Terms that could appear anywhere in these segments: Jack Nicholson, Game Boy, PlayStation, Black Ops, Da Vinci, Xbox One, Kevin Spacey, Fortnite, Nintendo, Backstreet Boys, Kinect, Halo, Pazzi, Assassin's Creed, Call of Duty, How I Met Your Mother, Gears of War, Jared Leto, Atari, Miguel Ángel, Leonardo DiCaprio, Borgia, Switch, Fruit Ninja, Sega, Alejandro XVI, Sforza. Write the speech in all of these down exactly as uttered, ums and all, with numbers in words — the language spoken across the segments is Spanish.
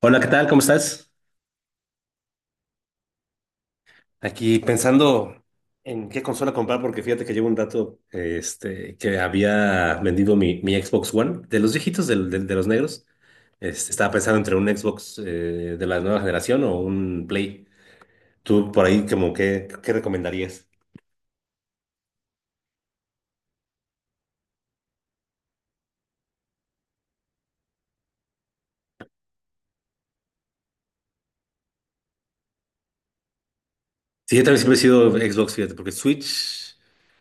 Hola, ¿qué tal? ¿Cómo estás? Aquí pensando en qué consola comprar, porque fíjate que llevo un rato este, que había vendido mi, mi Xbox One, de los viejitos, del- del- de los negros. Este, estaba pensando entre un Xbox eh, de la nueva generación o un Play. ¿Tú por ahí como qué, qué recomendarías? Sí, yo también siempre he sido Xbox, fíjate, porque Switch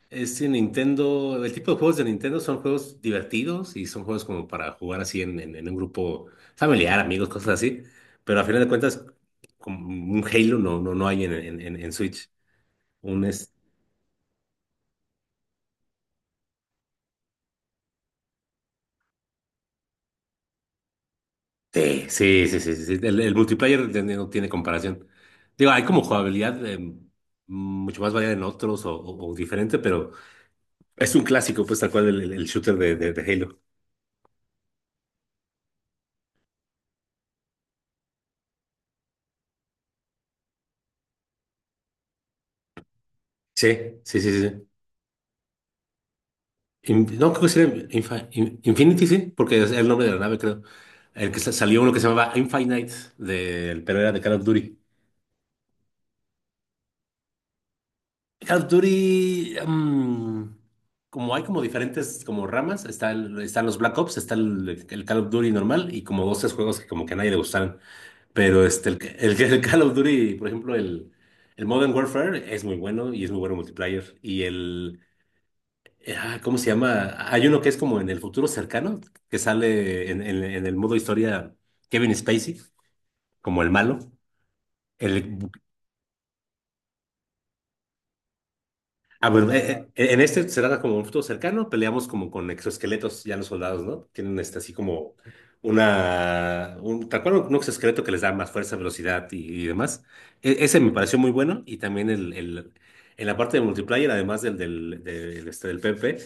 es de Nintendo. El tipo de juegos de Nintendo son juegos divertidos y son juegos como para jugar así en, en- en un grupo familiar, amigos, cosas así. Pero a final de cuentas, como un Halo no, no, no hay en, en, en- en Switch. Un este. Sí, sí, sí, sí, sí. El, el multiplayer de- de- no tiene comparación. Digo, hay como jugabilidad eh, mucho más variada en otros o, o- o diferente, pero es un clásico, pues tal cual el, el- el shooter de, de de Halo. Sí, sí, sí, sí, sí. In- no, creo que sí era Infi- In- Infinity, sí, porque es el nombre de la nave, creo. El que sa- salió uno que se llamaba Infinite, del- pero era de Call of Duty. Call of Duty, mm, como hay como diferentes como ramas, está el- están los Black Ops, está el, el Call of Duty normal y como dos, tres juegos que como que a nadie le gustaron. Pero este, el, el, el Call of Duty, por ejemplo, el, el Modern Warfare es muy bueno y es muy bueno multiplayer. Y el, Eh, ah, ¿cómo se llama? Hay uno que es como en el futuro cercano, que sale en, en- en el modo historia Kevin Spacey, como el malo. El, ah, bueno, eh, eh, en este será como un futuro cercano, peleamos como con exoesqueletos, ya los soldados, ¿no? Tienen este, así como una, un, tal cual un exoesqueleto que les da más fuerza, velocidad y, y demás. E- ese me pareció muy bueno y también el, el- en la parte de multiplayer, además del, del, del, este, del PvP.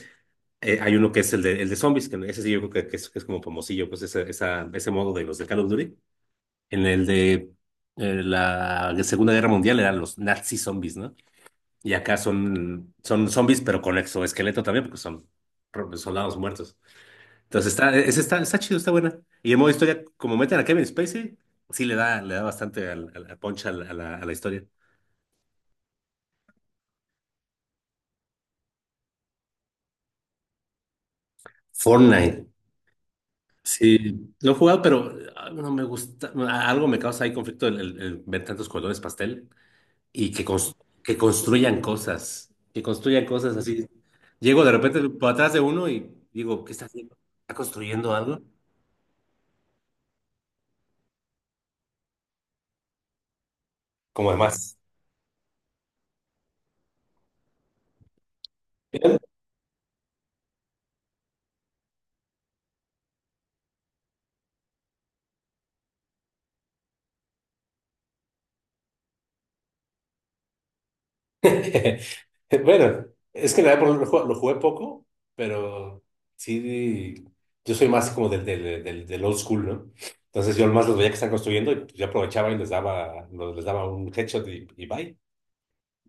Eh, hay uno que es el de, el de zombies, que ese sí yo creo que, que es, que es como famosillo, pues esa, esa- ese modo de los de Call of Duty. En el de eh, la Segunda Guerra Mundial eran los Nazi zombies, ¿no? Y acá son, son, zombies, pero con exoesqueleto también, porque son ro- soldados muertos. Entonces está, ese está, está chido, está buena. Y en modo historia, como meten a Kevin Spacey, sí le da, le da bastante al, al- al punch a la, a la- a la historia. Fortnite. Sí, lo he jugado, pero ah, no me gusta. No, a- Algo me causa ahí conflicto el, el- el ver tantos colores pastel y que, cons- que construyan cosas. Que construyan cosas así. Llego de repente por atrás de uno y digo, ¿qué está haciendo? ¿Está construyendo algo? Como demás. Bueno, es que en la verdad por- lo, ju- lo jugué poco, pero sí, yo soy más como del, del, del, del old school, ¿no? Entonces yo más los veía que están construyendo y pues, yo aprovechaba y les daba, los- les daba un headshot y, y bye.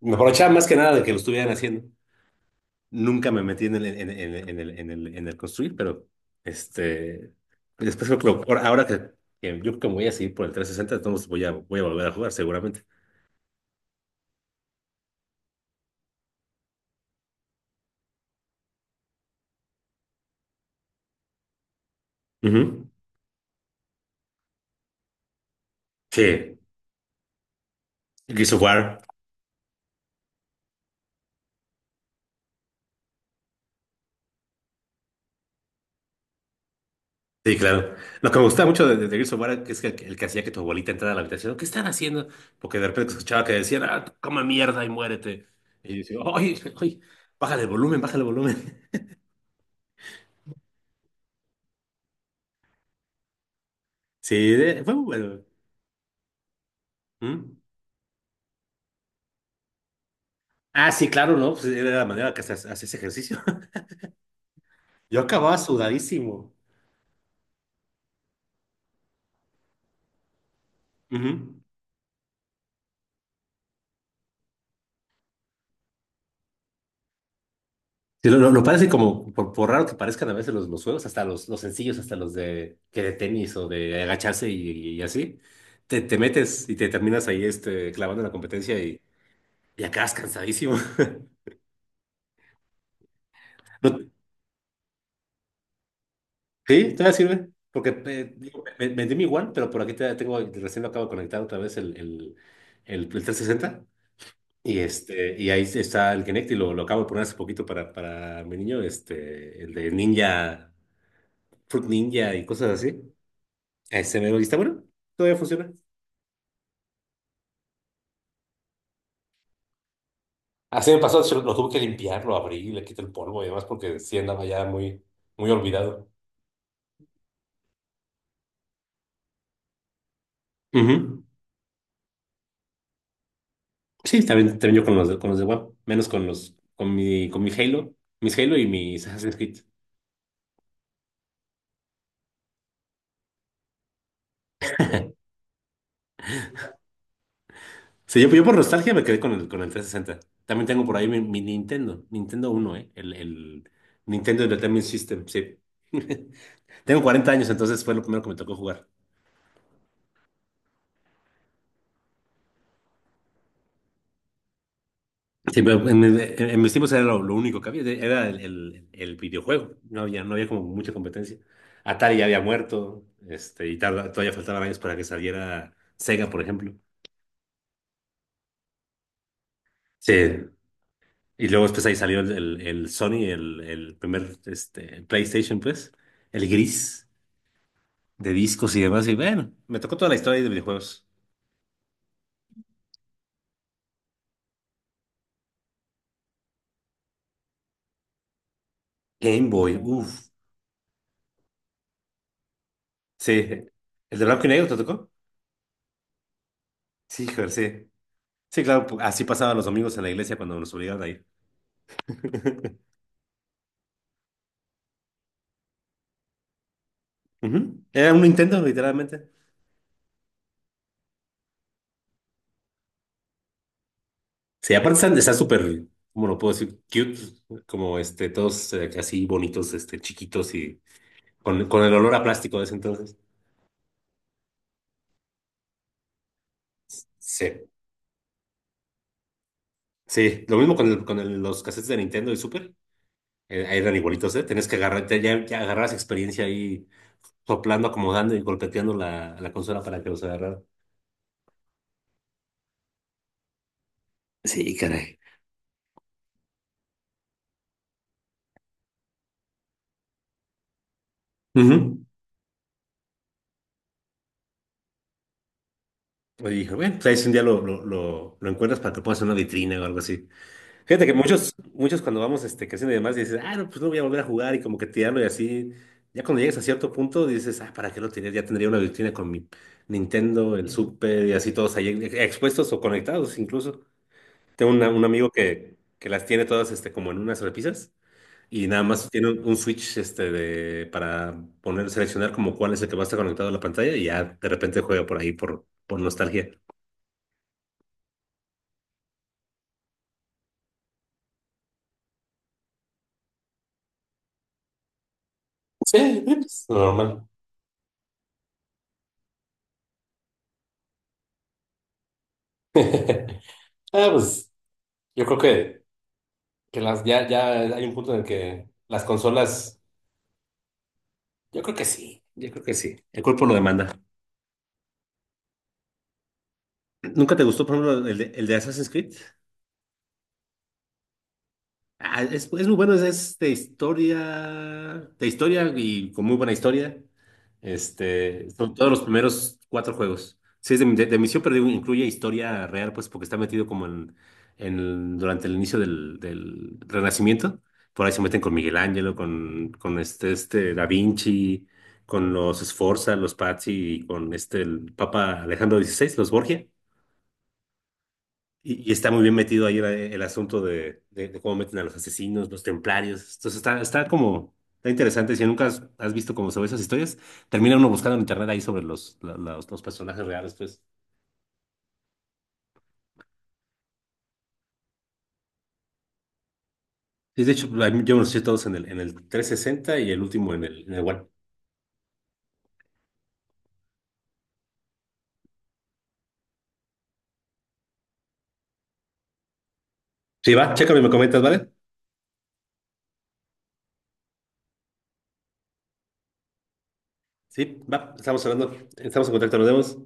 Me aprovechaba más que nada de que lo estuvieran haciendo. Nunca me metí en el, en, en- en el, en el, en el construir, pero este, pues después creo que lo- ahora ahora que, que yo creo que me voy a seguir por el trescientos sesenta, entonces voy a, voy a volver a jugar seguramente. Ujú. Sí, Gears of War. Sí, claro. Lo que me gustaba mucho de, de, de Gears of War es que el, el que hacía que tu abuelita entrara a la habitación, ¿qué están haciendo? Porque de repente escuchaba que decían, ah, come mierda y muérete. Y yo decía, ay, ay, bájale el volumen, bájale el volumen. Sí, de- fue bueno. ¿Mm? Ah, sí, claro, ¿no? Pues era la manera que se hace- hacías ejercicio. Yo acababa sudadísimo. Ujú. Sí, lo, lo- lo parece como, por, por raro que parezcan a veces los, los juegos, hasta los, los sencillos, hasta los de, que de tenis o de agacharse y, y así, te, te metes y te terminas ahí este, clavando en la competencia y, y acabas cansadísimo. No- sí, todavía sirve, porque eh, digo, me- me- vendí mi One, pero por aquí te- tengo, recién lo acabo de conectar otra vez el, el, el, el trescientos sesenta. Y, este, y ahí está el Kinect y lo, lo acabo de poner hace poquito para, para mi niño, este, el de Ninja, Fruit Ninja y cosas así. Ese mero, y está bueno, todavía funciona. Así me pasó, se lo, lo tuve que limpiar, lo abrí, le quité el polvo y demás porque sí andaba ya muy, muy olvidado. Ujú. Sí, también, también yo con los de, con los de W A P, menos con los, con mi, con mi Halo, mis Halo y mis Assassin's Creed. Sí, yo, yo por nostalgia me quedé con el, con el trescientos sesenta. También tengo por ahí mi, mi Nintendo, Nintendo uno, ¿eh? El, el Nintendo Entertainment System, sí. Tengo cuarenta años, entonces fue lo primero que me tocó jugar. Sí, pero en, mi- en mis tiempos era lo, lo único que había, era el, el- el videojuego, no había, no había como mucha competencia. Atari ya había muerto, este, y tarda- todavía faltaban años para que saliera Sega, por ejemplo. Sí, y luego después ahí salió el, el, el Sony, el, el primer este, PlayStation, pues, el gris, de discos y demás. Y bueno, me tocó toda la historia de videojuegos. Game Boy, uff. Sí. ¿El de blanco y negro te tocó? Sí, joder, sí. Sí, claro, pu- así pasaban los domingos en la iglesia cuando nos obligaban a ir. Ujú. Era un Nintendo, literalmente. Sí, aparte están, están, súper, ¿cómo lo puedo decir? Cute, como este, todos eh, así bonitos, este, chiquitos y con, con el olor a plástico de ese entonces. Sí, sí, lo mismo con, el- con el- los cassettes de Nintendo y Super, eh, eran igualitos, ¿eh? Tenías que agarrar, te- ya, ya agarrabas experiencia ahí soplando, acomodando y golpeteando la, la consola para que los agarrara. Sí, caray. Ujú. Y dije, bueno, pues ahí si un día lo, lo, lo, lo encuentras para que puedas hacer una vitrina o algo así. Fíjate que muchos, muchos cuando vamos este, creciendo y demás, dices, ah, no, pues no voy a volver a jugar y como que tirarlo y así. Ya cuando llegues a cierto punto dices, ah, ¿para qué lo tiré? Ya tendría una vitrina con mi Nintendo, el Super y así todos ahí e- expuestos o conectados incluso. Tengo una- un amigo que, que las tiene todas este, como en unas repisas. Y nada más tiene un, un switch este de, para poner, seleccionar como cuál es el que va a estar conectado a la pantalla y ya de repente juega por ahí por, por nostalgia. Sí, es normal. Ah, pues yo creo que, que las, ya, ya hay un punto en el que las consolas, yo creo que sí, yo creo que sí. El cuerpo lo demanda. ¿Nunca te gustó, por ejemplo, el de, el de Assassin's Creed? Ah, es, es muy bueno, es, es de historia, de historia y con muy buena historia. Este, son todos los primeros cuatro juegos. Sí, es de, de- de misión, pero incluye historia real, pues porque está metido como en, en el- durante el inicio del, del Renacimiento. Por ahí se meten con Miguel Ángel, con, con este, este Da Vinci, con los Sforza, los Pazzi y con este, el Papa Alejandro dieciséis, los Borgia. Y, y está muy bien metido ahí el, el asunto de, de- de cómo meten a los asesinos, los templarios. Entonces está, está como, está interesante. Si nunca has, has visto cómo se ve esas historias, termina uno buscando en internet ahí sobre los, la- los, los personajes reales, pues. Sí, de hecho, a mí- yo me los eché todos en el, en el trescientos sesenta y el último en el, en el One. Sí, va, chécalo y me comentas, ¿vale? Sí, va, estamos hablando, estamos en contacto, nos vemos.